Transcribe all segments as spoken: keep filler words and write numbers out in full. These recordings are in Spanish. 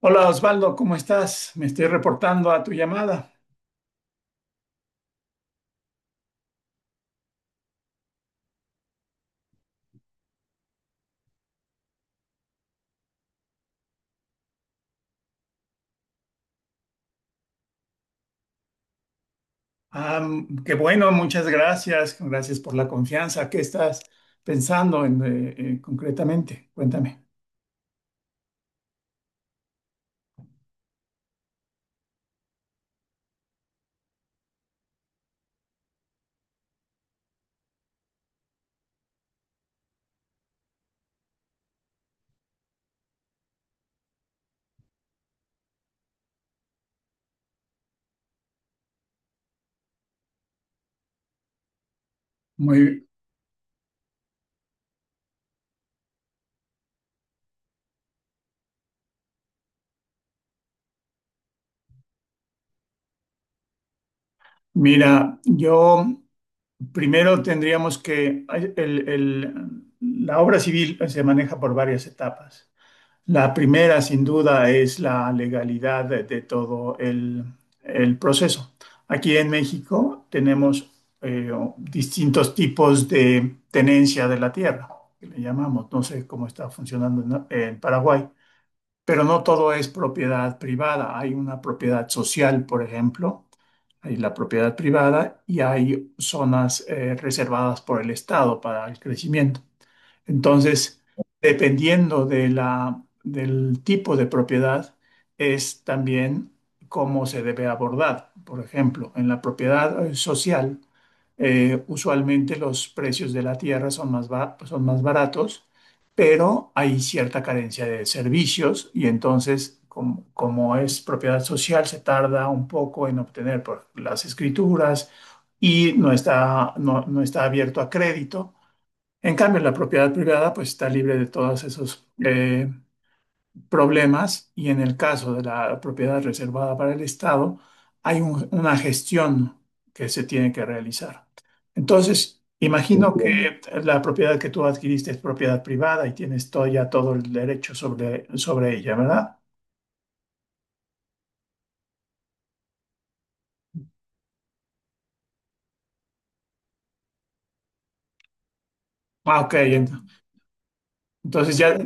Hola Osvaldo, ¿cómo estás? Me estoy reportando a tu llamada. Ah, mm, qué bueno, muchas gracias. Gracias por la confianza. ¿Qué estás pensando en, eh, eh, concretamente? Cuéntame. Muy, mira, yo primero tendríamos que, el- el- la obra civil se maneja por varias etapas. La primera, sin duda, es la legalidad de, de todo el, el proceso. Aquí en México tenemos eh, distintos tipos de tenencia de la tierra, que le llamamos. No sé cómo está funcionando en, en Paraguay, pero no todo es propiedad privada. Hay una propiedad social, por ejemplo, hay la propiedad privada y hay zonas eh, reservadas por el Estado para el crecimiento. Entonces, dependiendo de la, del tipo de propiedad, es también cómo se debe abordar. Por ejemplo, en la propiedad eh, social, eh, usualmente los precios de la tierra son más, ba- son más baratos, pero hay cierta carencia de servicios y entonces, como como, es propiedad social, se tarda un poco en obtener por, las escrituras y no está, no no está abierto a crédito. En cambio, la propiedad privada pues está libre de todos esos eh, problemas, y en el caso de la propiedad reservada para el Estado hay un- una gestión que se tiene que realizar. Entonces, imagino, entiendo, que la propiedad que tú adquiriste es propiedad privada y tienes todo, ya todo el derecho sobre, sobre ella, ¿verdad? Ah, ok. ent- Entonces ya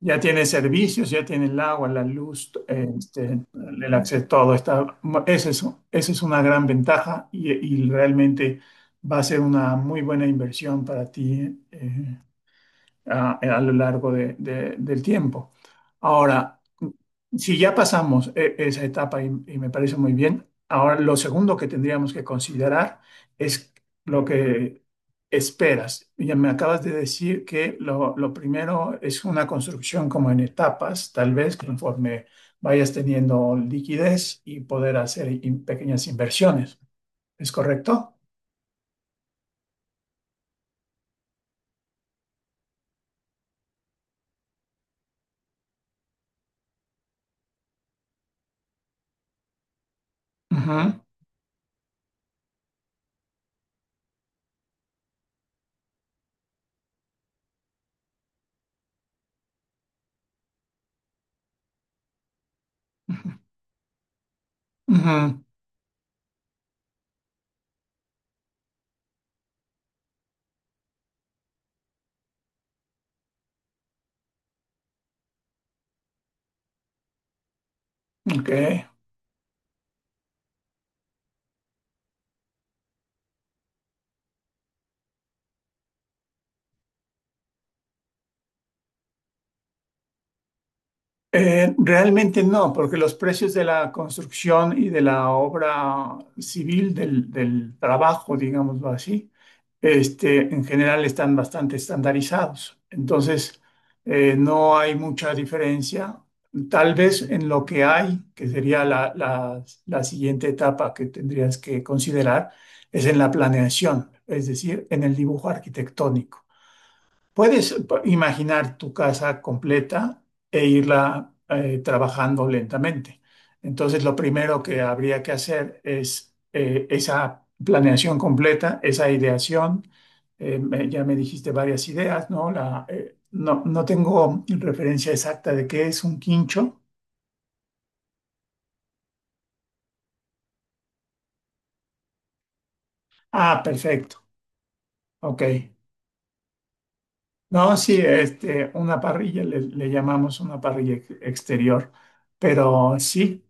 Ya tiene servicios, ya tiene el agua, la luz, este, el acceso, todo está. Esa es, esa es una gran ventaja, y, y realmente va a ser una muy buena inversión para ti, eh, a, a lo largo de- de- del tiempo. Ahora, si ya pasamos e- esa etapa, y, y me parece muy bien, ahora lo segundo que tendríamos que considerar es lo que esperas. Ya me acabas de decir que lo, lo primero es una construcción como en etapas, tal vez conforme vayas teniendo liquidez y poder hacer in- pequeñas inversiones. ¿Es correcto? Ujú, ujú, ujú. Ok. Eh, realmente no, porque los precios de la construcción y de la obra civil, del, del trabajo, digámoslo así, este, en general están bastante estandarizados. Entonces, eh, no hay mucha diferencia. Tal vez en lo que hay, que sería la, la- la siguiente etapa que tendrías que considerar, es en la planeación, es decir, en el dibujo arquitectónico. Puedes imaginar tu casa completa e irla eh, trabajando lentamente. Entonces, lo primero que habría que hacer es eh, esa planeación completa, esa ideación. Eh, me- ya me dijiste varias ideas, ¿no? La, eh, no, no tengo referencia exacta de qué es un quincho. Ah, perfecto. Ok. No, sí, este, una parrilla, le, le llamamos una parrilla ex- exterior, pero sí,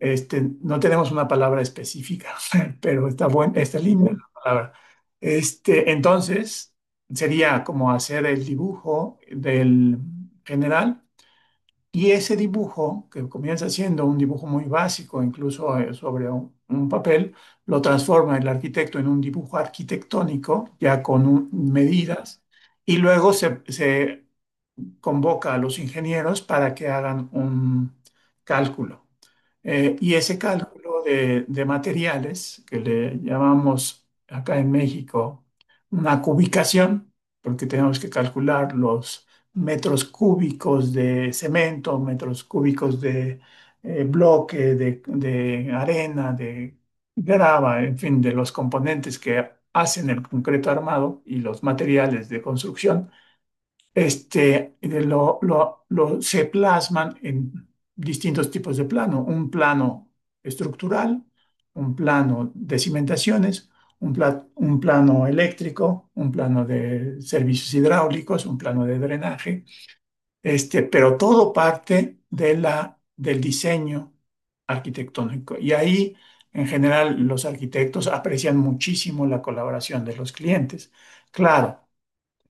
este, no tenemos una palabra específica, pero está buen, está linda la palabra. Este, entonces, sería como hacer el dibujo del general, y ese dibujo, que comienza siendo un dibujo muy básico, incluso eh, sobre un, un papel, lo transforma el arquitecto en un dibujo arquitectónico, ya con un- medidas, y luego se, se convoca a los ingenieros para que hagan un cálculo. Eh, y ese cálculo de, de materiales, que le llamamos acá en México una cubicación, porque tenemos que calcular los metros cúbicos de cemento, metros cúbicos de eh, bloque, de, de arena, de grava, en fin, de los componentes que hacen el concreto armado y los materiales de construcción, este, lo, lo- lo- se plasman en distintos tipos de plano. Un plano estructural, un plano de cimentaciones, un, pla- un plano eléctrico, un plano de servicios hidráulicos, un plano de drenaje, este, pero todo parte de la, del diseño arquitectónico. Y ahí, en general, los arquitectos aprecian muchísimo la colaboración de los clientes. Claro.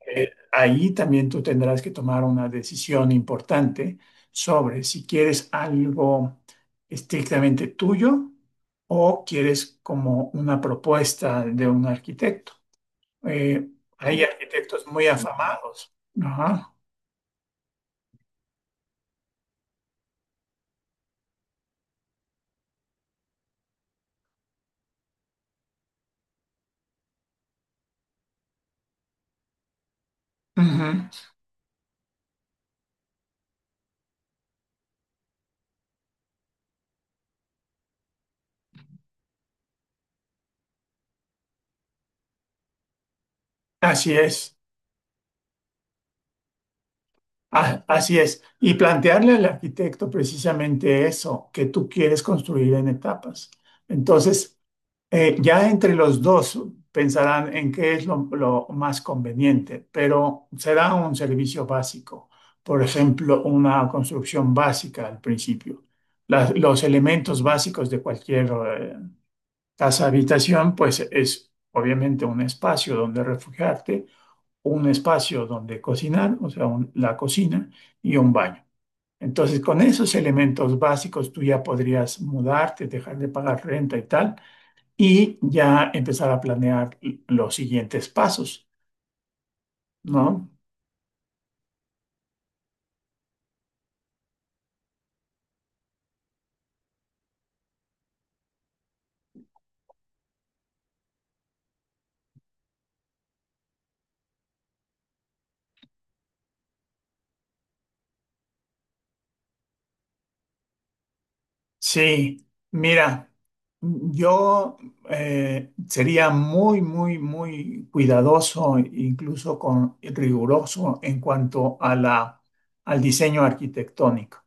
eh, Ahí también tú tendrás que tomar una decisión importante sobre si quieres algo estrictamente tuyo o quieres como una propuesta de un arquitecto. Eh, Hay arquitectos muy afamados. Ajá. Ujú. Así es. Ah, así es. Y plantearle al arquitecto precisamente eso, que tú quieres construir en etapas. Entonces, eh, ya entre los dos pensarán en qué es lo, lo más conveniente, pero será un servicio básico. Por ejemplo, una construcción básica al principio. La- los elementos básicos de cualquier eh, casa habitación, pues es obviamente un espacio donde refugiarte, un espacio donde cocinar, o sea, un- la cocina y un baño. Entonces, con esos elementos básicos, tú ya podrías mudarte, dejar de pagar renta y tal, y ya empezar a planear los siguientes pasos, ¿no? Sí, mira, yo, eh, sería muy, muy, muy cuidadoso, incluso con riguroso en cuanto a la, al diseño arquitectónico.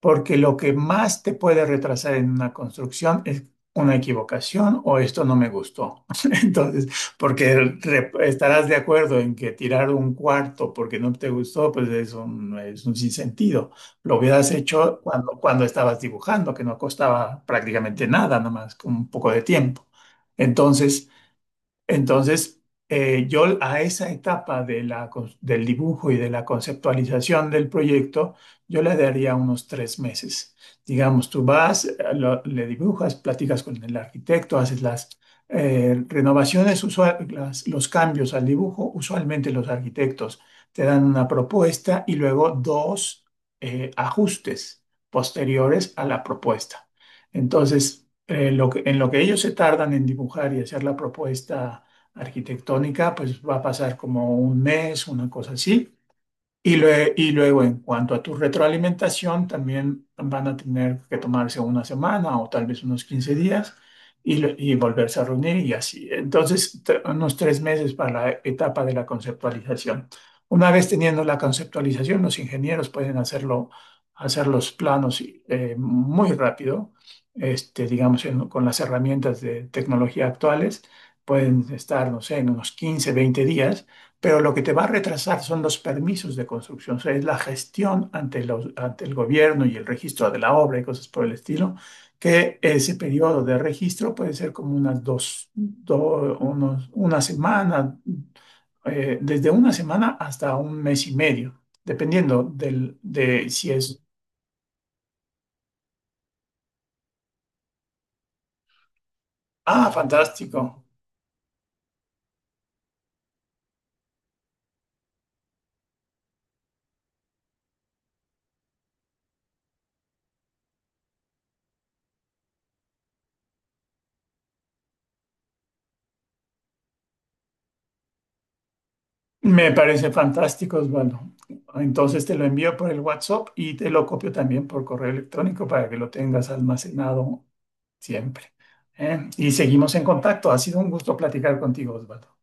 Porque lo que más te puede retrasar en una construcción es una equivocación o esto no me gustó. Entonces, porque re- estarás de acuerdo en que tirar un cuarto porque no te gustó, pues es un, es un sinsentido. Lo hubieras hecho cuando, cuando estabas dibujando, que no costaba prácticamente nada, nomás con un poco de tiempo. Entonces, entonces, eh, yo a esa etapa de la cons- del dibujo y de la conceptualización del proyecto, yo le daría unos tres meses. Digamos, tú vas, eh, lo- le dibujas, platicas con el arquitecto, haces las eh, renovaciones, usual- las- los cambios al dibujo. Usualmente los arquitectos te dan una propuesta y luego dos eh, ajustes posteriores a la propuesta. Entonces, eh, lo que- en lo que ellos se tardan en dibujar y hacer la propuesta arquitectónica, pues va a pasar como un mes, una cosa así. Y, lue- y luego, en cuanto a tu retroalimentación, también van a tener que tomarse una semana o tal vez unos quince días, y, lo- y volverse a reunir y así. Entonces, t- unos tres meses para la etapa de la conceptualización. Una vez teniendo la conceptualización, los ingenieros pueden hacerlo, hacer los planos y, eh, muy rápido, este, digamos, en- con las herramientas de tecnología actuales. Pueden estar, no sé, en unos quince veinte días, pero lo que te va a retrasar son los permisos de construcción, o sea, es la gestión ante, los- ante el gobierno y el registro de la obra y cosas por el estilo, que ese periodo de registro puede ser como unas dos, dos unos- una semana, eh, desde una semana hasta un mes y medio, dependiendo del, de si es... Ah, fantástico. Me parece fantástico, Osvaldo. Entonces te lo envío por el WhatsApp y te lo copio también por correo electrónico para que lo tengas almacenado siempre, ¿eh? Y seguimos en contacto. Ha sido un gusto platicar contigo, Osvaldo.